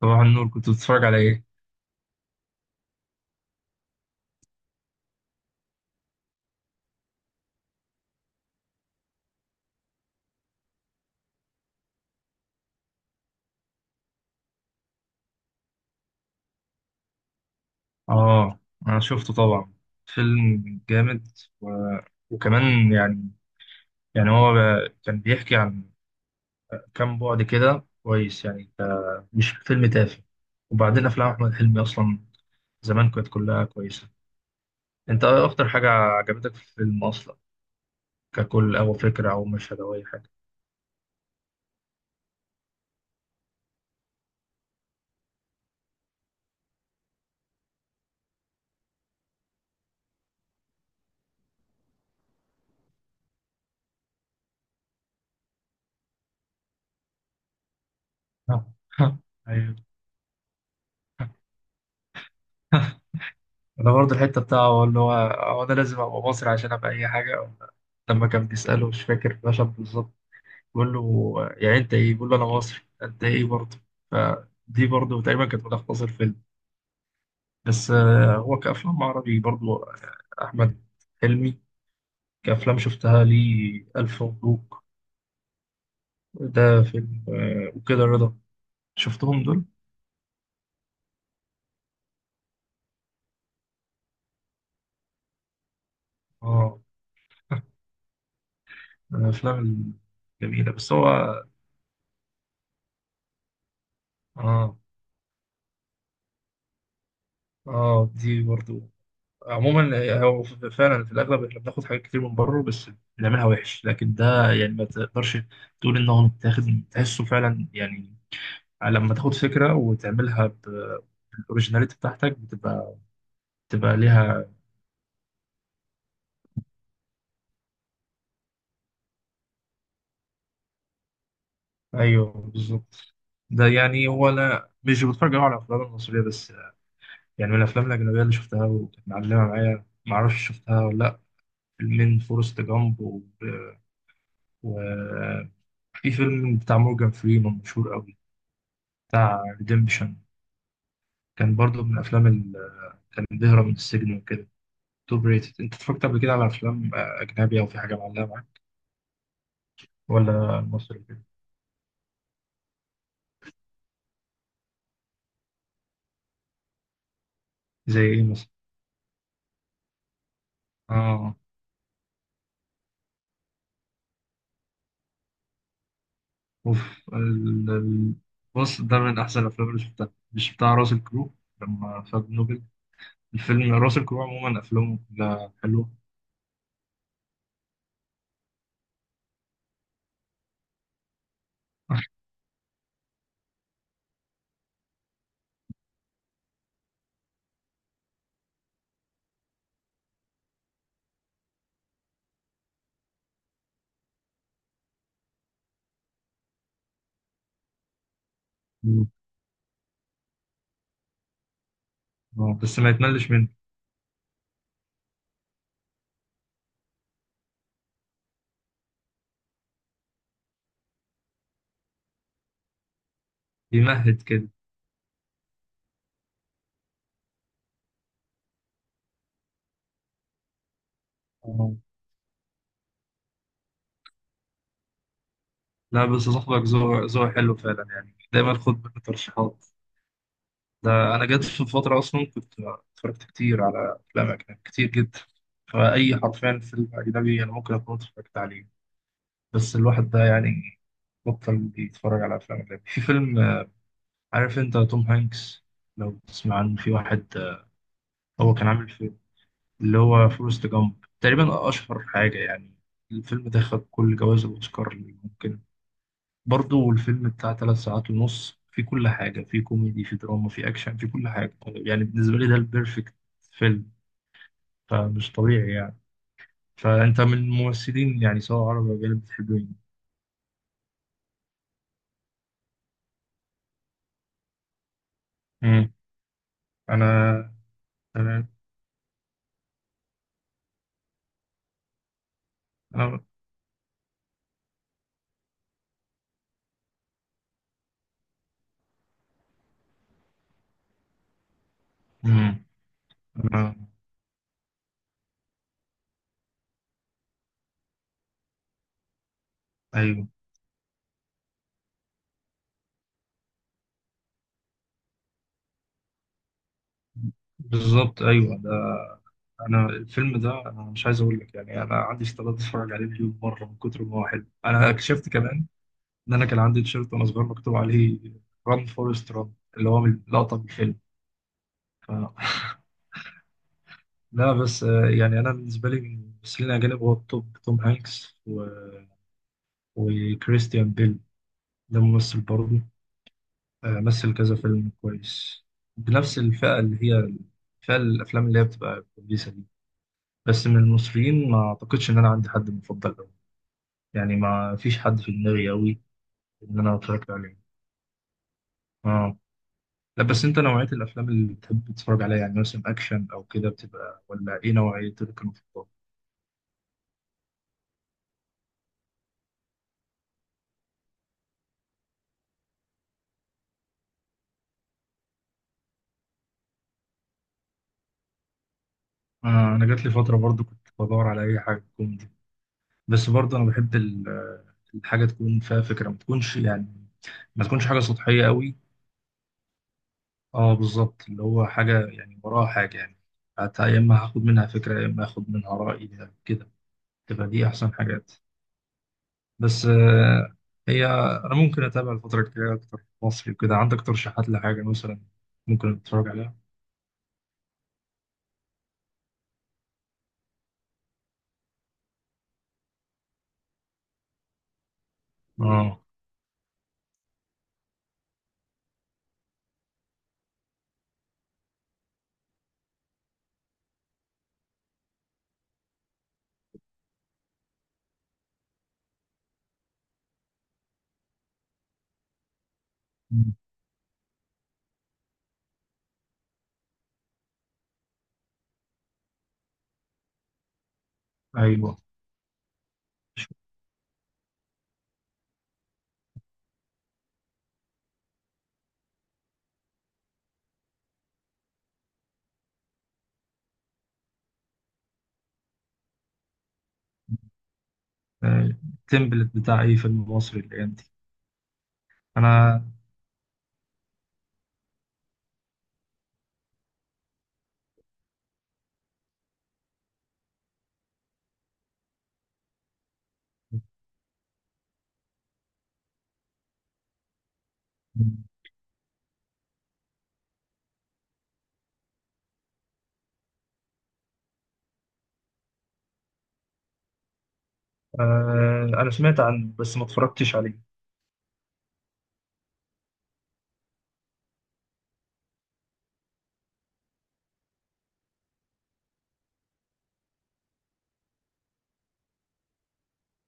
صباح النور، كنت بتتفرج على ايه؟ اه. انا شفته طبعا. فيلم جامد. و... وكمان يعني هو كان بيحكي عن كام بعد كده كويس، يعني مش فيلم تافه. وبعدين افلام احمد حلمي اصلا زمان كانت كلها كويسه. انت ايه اكتر حاجه عجبتك في الفيلم اصلا ككل، او فكره او مشهد او اي حاجه؟ ايوه، انا برضه الحته بتاعه اللي هو انا لازم ابقى مصري عشان ابقى اي حاجه. لما كان بيساله، مش فاكر المشهد بالظبط، بقول له يعني انت ايه، بقول له انا مصري انت ايه برضه. فدي برضه تقريبا كانت ملخص الفيلم. بس هو كأفلام عربي برضه أحمد حلمي، كأفلام شفتها ليه ألف مبروك. ده فيلم وكده رضا، شفتهم دول؟ اه. من الأفلام الجميلة. بس هو، اه، اه، دي برضه. عموما هو فعلا في الاغلب احنا بناخد حاجات كتير من بره، بس بنعملها وحش. لكن ده يعني ما تقدرش تقول ان هو متاخد، تحسه فعلا يعني لما تاخد فكره وتعملها بالاوريجيناليتي بتاعتك، بتبقى ليها. ايوه بالظبط. ده يعني هو انا مش بتفرج أوي على الافلام المصريه، بس يعني من الافلام الاجنبيه اللي شفتها وكانت معلمه معايا، ما اعرفش شفتها ولا لا، فيلمين: فورست جامب وفي فيلم بتاع مورجان فريمان مشهور قوي، بتاع ريديمبشن. كان برضو من الافلام اللي كان بيهرب من السجن وكده، توب ريتد. انت اتفرجت قبل كده على افلام اجنبي او في حاجه معلقه معاك، ولا مصري كده؟ زي ايه مثلا؟ اه، اوف. ال... ال- بص ده من احسن الافلام اللي شفتها، مش بتاع راسل كرو لما خد نوبل؟ الفيلم راسل كرو عموما افلامه كلها حلوه. مم. بس ما يتملش منه. يمهد كده. آه. لا بس صاحبك ذوق ذوق حلو فعلا، يعني دايما خد منه ترشيحات. ده انا جت في فتره اصلا كنت اتفرجت كتير على افلام اجنبي، كتير جدا، فاي حرفيا فيلم اجنبي انا ممكن اكون اتفرجت عليه. بس الواحد ده يعني بطل بيتفرج على افلام اجنبي. في فيلم عارف انت توم هانكس، لو تسمع عنه، في واحد هو كان عامل فيلم اللي هو فورست جامب، تقريبا اشهر حاجه يعني. الفيلم ده خد كل جوائز الاوسكار اللي ممكن. برضو الفيلم بتاع 3 ساعات ونص، في كل حاجة، في كوميدي، في دراما، في أكشن، في كل حاجة يعني. بالنسبة لي ده البيرفكت فيلم، فمش طبيعي يعني. فأنت من الممثلين، يعني سواء عربي أو أجانب، بتحبهم؟ مم. أنا. أنا. أنا. مم. أنا. أيوه بالظبط، أيوه ده. أنا الفيلم ده، أنا مش عايز أقول لك يعني أنا عندي استعداد أتفرج عليه مليون مرة من كتر ما هو حلو. أنا اكتشفت كمان إن أنا كان عندي تيشيرت وأنا صغير مكتوب عليه "ران فورست ران"، اللي هو من لقطة من الفيلم. لا بس يعني انا بالنسبه لي من الممثلين الاجانب هو التوب توم هانكس وكريستيان بيل. ده ممثل برضه، مثل كذا فيلم كويس بنفس الفئه، اللي هي فئه الافلام اللي هي بتبقى كويسه دي. بس من المصريين ما اعتقدش ان انا عندي حد مفضل قوي، يعني ما فيش حد في دماغي قوي ان انا اتفرجت عليه. اه. لا بس انت نوعيه الافلام اللي بتحب تتفرج عليها، يعني مثلا اكشن او كده بتبقى، ولا ايه نوعيه المفضله؟ انا جات لي فتره برضو كنت بدور على اي حاجه كوميدي، بس برضه انا بحب الحاجه تكون فيها فكره، ما تكونش يعني ما تكونش حاجه سطحيه قوي. اه بالظبط، اللي هو حاجه يعني وراها حاجه، يعني حتى يا اما هاخد منها فكره يا اما هاخد منها راي كده، تبقى دي احسن حاجات. بس هي انا ممكن اتابع الفتره الجايه اكتر مصري وكده. عندك ترشيحات لحاجه مثلا ممكن اتفرج عليها؟ اه. مم. ايوه. التمبلت بتاع اي فيلم مصري الايام دي. انا انا سمعت عنه بس ما اتفرجتش عليه.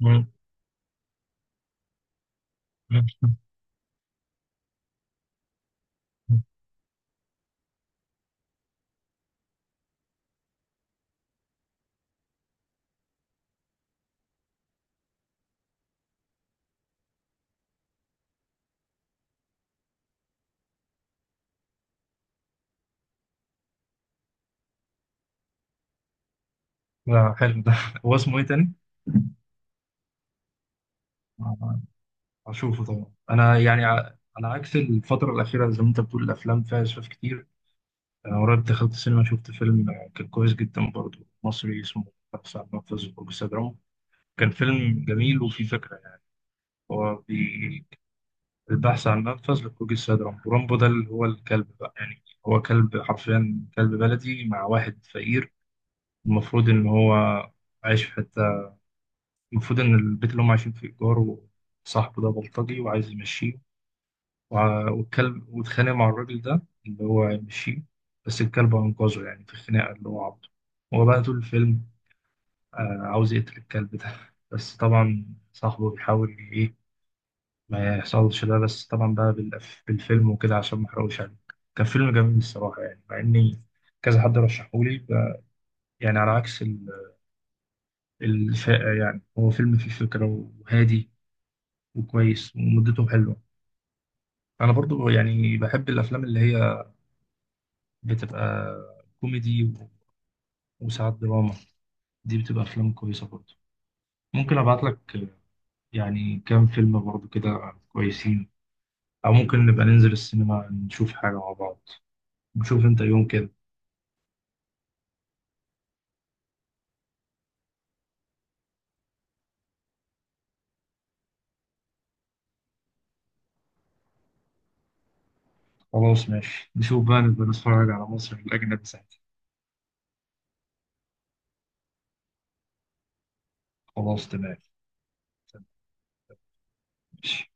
مم. مم. لا حلو ده. هو اسمه ايه تاني؟ آه، هشوفه طبعا. انا يعني على عكس الفترة الأخيرة، زي ما انت بتقول الافلام فيها اسفاف كتير. انا قريب دخلت السينما، شفت فيلم كان كويس جدا برضه، مصري، اسمه "البحث عن منفذ لخروج السيد". كان فيلم جميل وفيه فكرة يعني. هو البحث عن منفذ لخروج السيد رامبو. رامبو ده اللي هو الكلب بقى، يعني هو كلب حرفيا، كلب بلدي مع واحد فقير. المفروض إن هو عايش في حتة، المفروض إن البيت اللي هم عايشين فيه إيجار، وصاحبه ده بلطجي وعايز يمشيه، والكلب واتخانق مع الراجل ده اللي هو يمشيه، بس الكلب أنقذه يعني في الخناقة، اللي هو عبده. هو بقى طول الفيلم عاوز يقتل الكلب ده بس طبعا صاحبه بيحاول إيه ما يحصلش ده. بس طبعا بقى بالفيلم وكده، عشان ما أحرقوش عليك، كان فيلم جميل الصراحة يعني، مع إني كذا حد رشحهولي، يعني على عكس الفاقة يعني. هو فيلم فيه فكرة، وهادي، وكويس، ومدته حلوة. أنا برضو يعني بحب الأفلام اللي هي بتبقى كوميدي وساعات دراما، دي بتبقى أفلام كويسة برضو. ممكن أبعت لك يعني كام فيلم برضو كده كويسين، أو ممكن نبقى ننزل السينما نشوف حاجة مع بعض. نشوف أنت يوم كده. خلاص ماشي، نشوف بقى، نبقى نتفرج على مصر في الأجنبي ساعتها. خلاص تمام. ماشي.